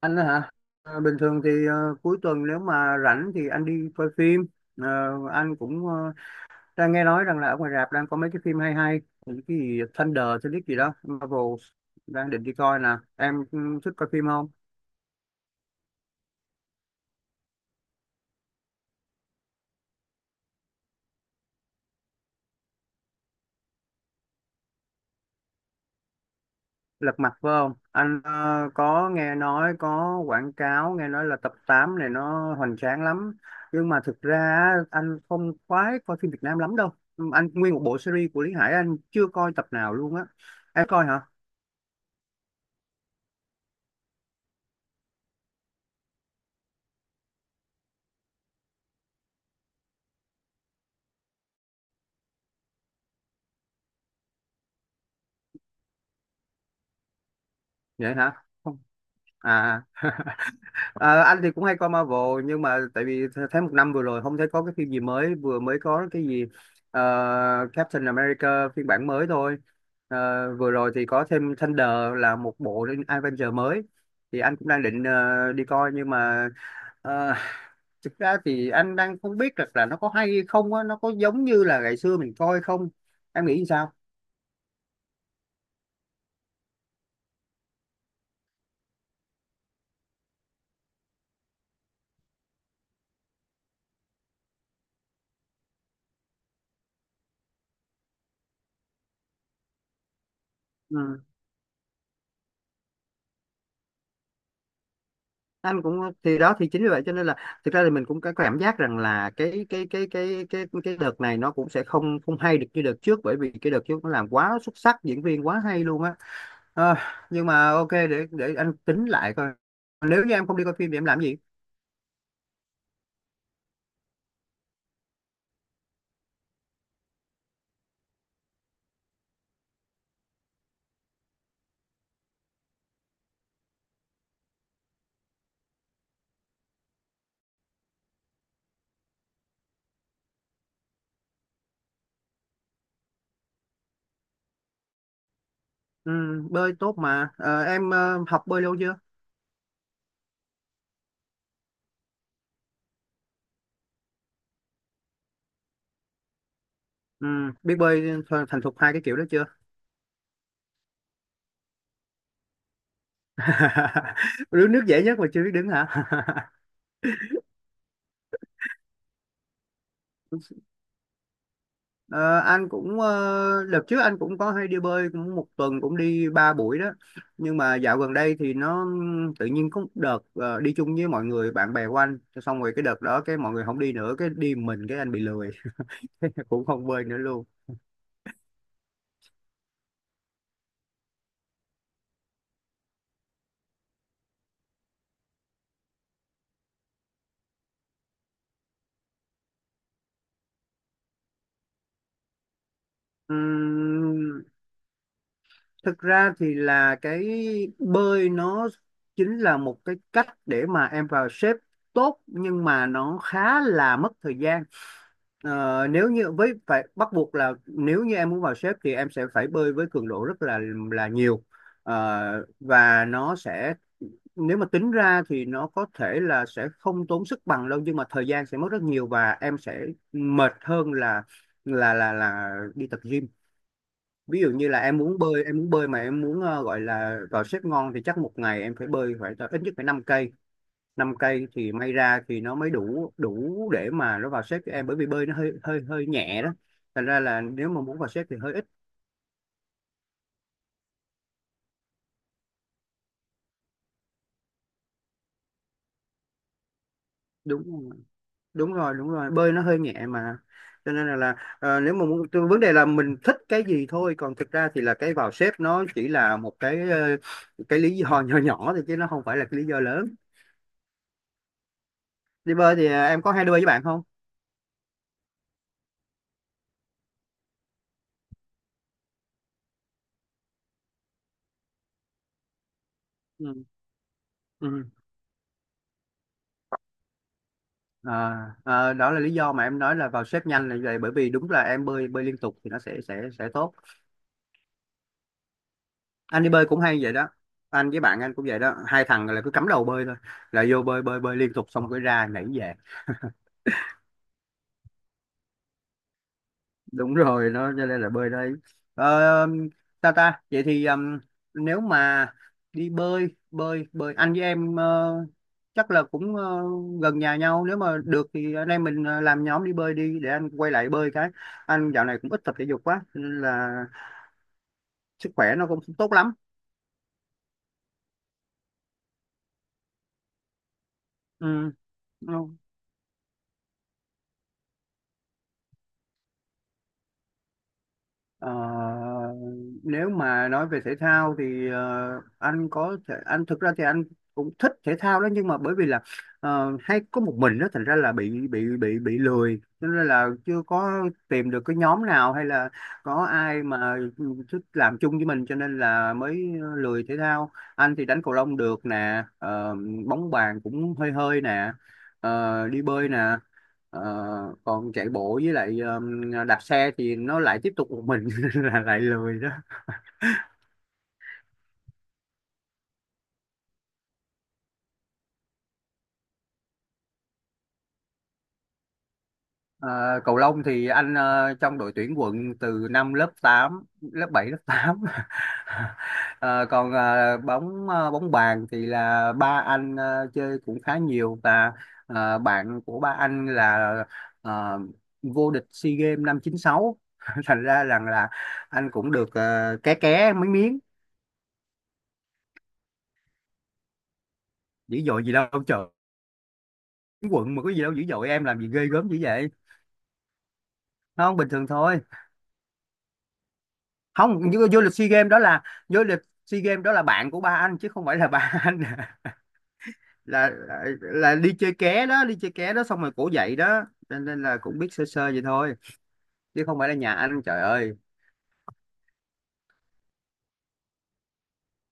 Anh á hả? Bình thường thì cuối tuần nếu mà rảnh thì anh đi coi phim. Ờ, anh cũng đang nghe nói rằng là ở ngoài rạp đang có mấy cái phim hay hay. Những cái gì Thunder tôi biết gì đó Marvel, đang định đi coi nè. Em thích coi phim không? Lật Mặt phải không anh? Ờ, có nghe nói, có quảng cáo, nghe nói là tập 8 này nó hoành tráng lắm. Nhưng mà thực ra á, anh không khoái coi phim Việt Nam lắm đâu. Ừ, anh nguyên một bộ series của Lý Hải anh chưa coi tập nào luôn á. Em coi hả? Vậy hả? À, ờ, anh thì cũng hay coi Marvel nhưng mà tại vì thấy một năm vừa rồi không thấy có cái phim gì mới, vừa mới có cái gì ờ, Captain America phiên bản mới thôi. Vừa rồi thì có thêm Thunder, là một bộ Avenger mới, thì anh cũng đang định đi coi. Nhưng mà ờ, thực ra thì anh đang không biết được là nó có hay không á, nó có giống như là ngày xưa mình coi không, em nghĩ sao? Ừ. Anh cũng, thì đó thì chính vì vậy cho nên là thực ra thì mình cũng có cảm giác rằng là cái đợt này nó cũng sẽ không không hay được như đợt trước, bởi vì cái đợt trước nó làm quá xuất sắc, diễn viên quá hay luôn á. Ờ, nhưng mà ok, để anh tính lại coi. Nếu như em không đi coi phim thì em làm gì? Ừ, bơi tốt mà. Ờ, em học bơi lâu chưa? Ừ, biết bơi thành thục hai cái kiểu đó chưa? Đứng nước dễ nhất mà chưa biết đứng hả? Ờ, anh cũng, đợt trước anh cũng có hay đi bơi, cũng một tuần cũng đi ba buổi đó. Nhưng mà dạo gần đây thì nó tự nhiên có một đợt đi chung với mọi người bạn bè của anh, xong rồi cái đợt đó cái mọi người không đi nữa, cái đi mình cái anh bị lười cũng không bơi nữa luôn. Ừm, Thực ra thì là cái bơi nó chính là một cái cách để mà em vào shape tốt, nhưng mà nó khá là mất thời gian. Nếu như với phải bắt buộc là nếu như em muốn vào xếp thì em sẽ phải bơi với cường độ rất là nhiều. Và nó sẽ, nếu mà tính ra thì nó có thể là sẽ không tốn sức bằng đâu nhưng mà thời gian sẽ mất rất nhiều, và em sẽ mệt hơn là đi tập gym. Ví dụ như là em muốn bơi mà em muốn gọi là vào xếp ngon thì chắc một ngày em phải bơi, phải ít nhất phải 5 cây. Năm cây thì may ra thì nó mới đủ đủ để mà nó vào xếp cho em, bởi vì bơi nó hơi hơi hơi nhẹ đó. Thành ra là nếu mà muốn vào xếp thì hơi ít. Đúng Đúng rồi, đúng rồi, bơi nó hơi nhẹ mà. Cho nên là nếu mà muốn vấn đề là mình thích cái gì thôi, còn thực ra thì là cái vào xếp nó chỉ là một cái lý do nhỏ nhỏ thôi, chứ nó không phải là cái lý do lớn. Đi bơi thì em có hay đi bơi với bạn không? Ừ. Ừ. À, à, đó là lý do mà em nói là vào xếp nhanh là vậy, bởi vì đúng là em bơi bơi liên tục thì nó sẽ tốt. Anh đi bơi cũng hay vậy đó. Anh với bạn anh cũng vậy đó, hai thằng là cứ cắm đầu bơi thôi, là vô bơi bơi bơi liên tục, xong cái ra nhảy về. Đúng rồi, nó cho nên là bơi đây. Ờ, ta ta vậy thì nếu mà đi bơi bơi bơi anh với em, chắc là cũng gần nhà nhau, nếu mà được thì anh em mình làm nhóm đi bơi đi, để anh quay lại bơi. Cái anh dạo này cũng ít tập thể dục quá cho nên là sức khỏe nó cũng không tốt lắm. Ừ. Ờ, Nếu mà nói về thể thao thì anh có thể, anh thực ra thì anh cũng thích thể thao đó, nhưng mà bởi vì là hay có một mình đó, thành ra là bị lười, cho nên là chưa có tìm được cái nhóm nào hay là có ai mà thích làm chung với mình cho nên là mới lười thể thao. Anh thì đánh cầu lông được nè, bóng bàn cũng hơi hơi nè, đi bơi nè. Ờ, Còn chạy bộ với lại đạp xe thì nó lại tiếp tục một mình là lại lười đó. Ờ, Cầu lông thì anh trong đội tuyển quận từ năm lớp tám, lớp bảy, lớp tám. Ờ, Còn bóng bàn thì là ba anh chơi cũng khá nhiều, và bạn của ba anh là ờ, vô địch SEA Games năm chín sáu. Thành ra rằng là anh cũng được ké ké mấy miếng. Dữ dội gì đâu trời. Cái quận mà có gì đâu dữ dội, em làm gì ghê gớm dữ vậy. Nó không bình thường thôi. Không vô lịch SEA Games đó là vô lịch SEA Games đó là bạn của ba anh, chứ không phải là ba anh. Là đi chơi ké đó, đi chơi ké đó, xong rồi cổ dậy đó nên nên là cũng biết sơ sơ vậy thôi, chứ không phải là nhà anh trời ơi.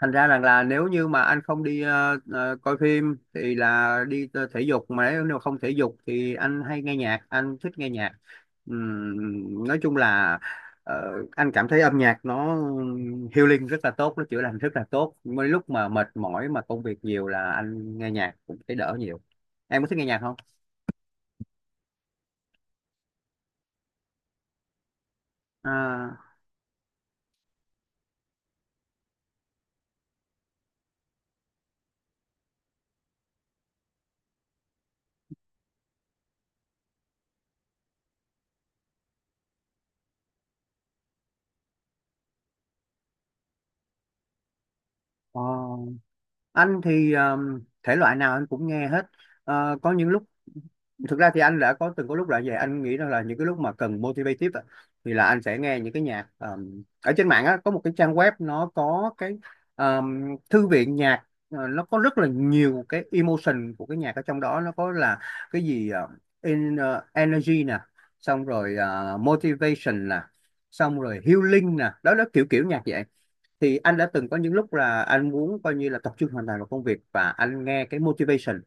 Thành ra rằng là nếu như mà anh không đi coi phim thì là đi thể dục, mà nếu nếu không thể dục thì anh hay nghe nhạc, anh thích nghe nhạc. Nói chung là ờ, anh cảm thấy âm nhạc nó healing rất là tốt, nó chữa lành rất là tốt, mấy lúc mà mệt mỏi mà công việc nhiều là anh nghe nhạc cũng thấy đỡ nhiều. Em có thích nghe nhạc không? À, ờ, anh thì thể loại nào anh cũng nghe hết. Có những lúc, thực ra thì anh đã có từng có lúc là vậy, anh nghĩ rằng là những cái lúc mà cần motivative á, thì là anh sẽ nghe những cái nhạc ở trên mạng á. Có một cái trang web, nó có cái thư viện nhạc, nó có rất là nhiều cái emotion của cái nhạc ở trong đó. Nó có là cái gì energy nè, xong rồi motivation nè, xong rồi healing nè, đó là kiểu kiểu nhạc vậy. Thì anh đã từng có những lúc là anh muốn coi như là tập trung hoàn toàn vào công việc và anh nghe cái motivation.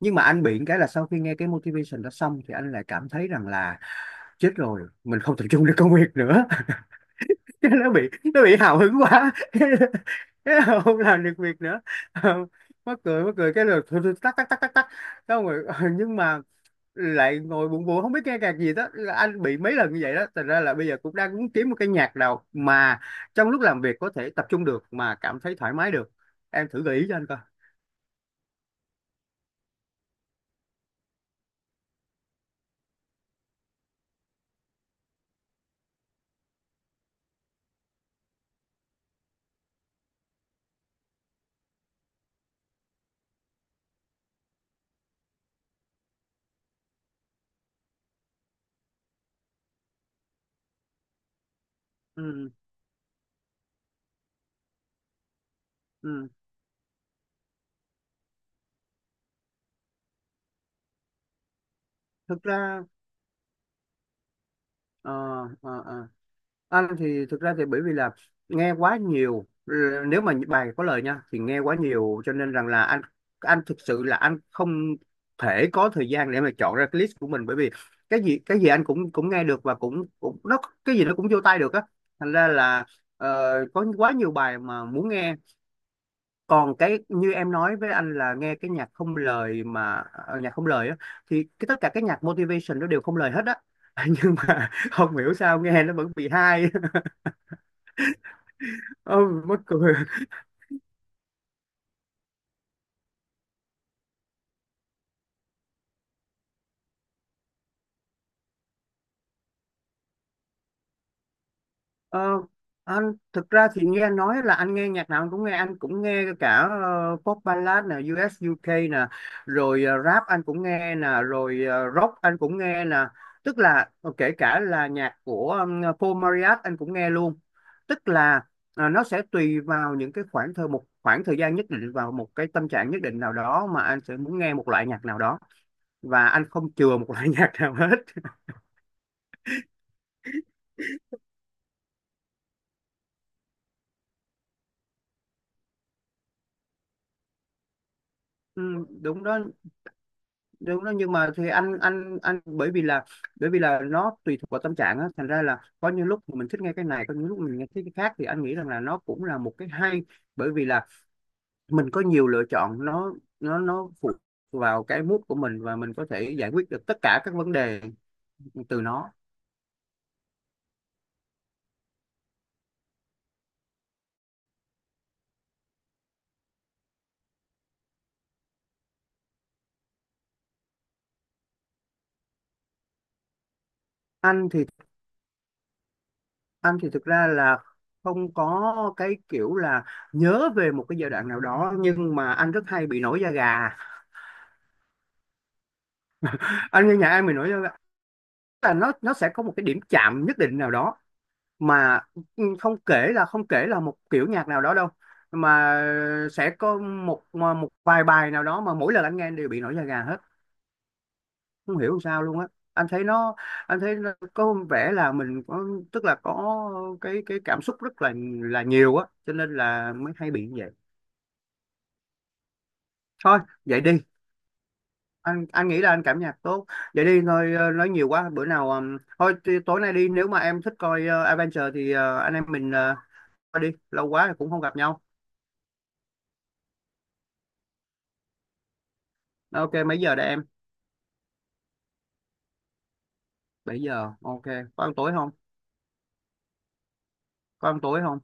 Nhưng mà anh bị cái là sau khi nghe cái motivation đó xong thì anh lại cảm thấy rằng là chết rồi mình không tập trung được công việc nữa. Cái nó bị hào hứng quá. Cái là không làm được việc nữa. Ờ, Mắc cười, mắc cười cái lượt, thôi thôi, tắc tắc tắc tắc tắc. Xong rồi nhưng mà lại ngồi buồn buồn không biết nghe nhạc gì. Đó là anh bị mấy lần như vậy đó, thành ra là bây giờ cũng đang muốn kiếm một cái nhạc nào mà trong lúc làm việc có thể tập trung được mà cảm thấy thoải mái được. Em thử gợi ý cho anh coi. Ừ, ừ. thực ra Ờ, ờ, ờ. Anh thì thực ra thì bởi vì là nghe quá nhiều. Ừ, nếu mà bài có lời nha thì nghe quá nhiều, cho nên rằng là anh thực sự là anh không thể có thời gian để mà chọn ra cái list của mình, bởi vì cái gì anh cũng cũng nghe được, và cũng cũng nó, cái gì nó cũng vô tai được á, thành ra là ờ, có quá nhiều bài mà muốn nghe. Còn cái như em nói với anh là nghe cái nhạc không lời, mà nhạc không lời á thì cái tất cả cái nhạc motivation nó đều không lời hết á. Nhưng mà không hiểu sao nghe nó vẫn bị hay. Ừ, mắc cười. Ờ, anh thực ra thì nghe nói là anh nghe nhạc nào anh cũng nghe, anh cũng nghe cả pop ballad nè, US UK nè, rồi rap anh cũng nghe nè, rồi rock anh cũng nghe nè. Tức là kể cả là nhạc của Paul Marriott anh cũng nghe luôn. Tức là nó sẽ tùy vào những cái khoảng thời một khoảng thời gian nhất định, vào một cái tâm trạng nhất định nào đó mà anh sẽ muốn nghe một loại nhạc nào đó, và anh không chừa một loại nhạc nào hết. Ừ, đúng đó, đúng đó. Nhưng mà thì anh bởi vì là nó tùy thuộc vào tâm trạng á, thành ra là có những lúc mình thích nghe cái này, có những lúc mình nghe thích cái khác, thì anh nghĩ rằng là nó cũng là một cái hay, bởi vì là mình có nhiều lựa chọn. Nó phụ vào cái mood của mình, và mình có thể giải quyết được tất cả các vấn đề từ nó. anh thì anh thì thực ra là không có cái kiểu là nhớ về một cái giai đoạn nào đó, nhưng mà anh rất hay bị nổi da gà. Anh nghe nhạc anh bị nổi da gà, là nó sẽ có một cái điểm chạm nhất định nào đó mà ừ, không kể là một kiểu nhạc nào đó đâu, mà sẽ có một một vài bài nào đó mà mỗi lần anh nghe anh đều bị nổi da gà hết, không hiểu sao luôn á. anh thấy nó anh thấy nó có vẻ là mình có, tức là có cái cảm xúc rất là nhiều á, cho nên là mới hay bị như vậy. Thôi vậy đi. Anh nghĩ là anh cảm nhạc tốt. Vậy đi thôi, nói nhiều quá, bữa nào thôi tối nay đi, nếu mà em thích coi Adventure thì anh em mình coi đi, lâu quá rồi cũng không gặp nhau. Ok mấy giờ đây em? Bảy giờ ok. Có ăn tối không? Có ăn tối không?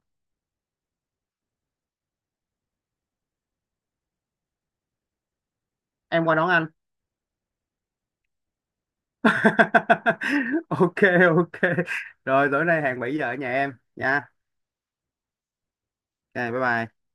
Em qua đón anh? Ok. Ok, rồi tối nay hàng 7 giờ ở nhà em nha. Ok, bye bye.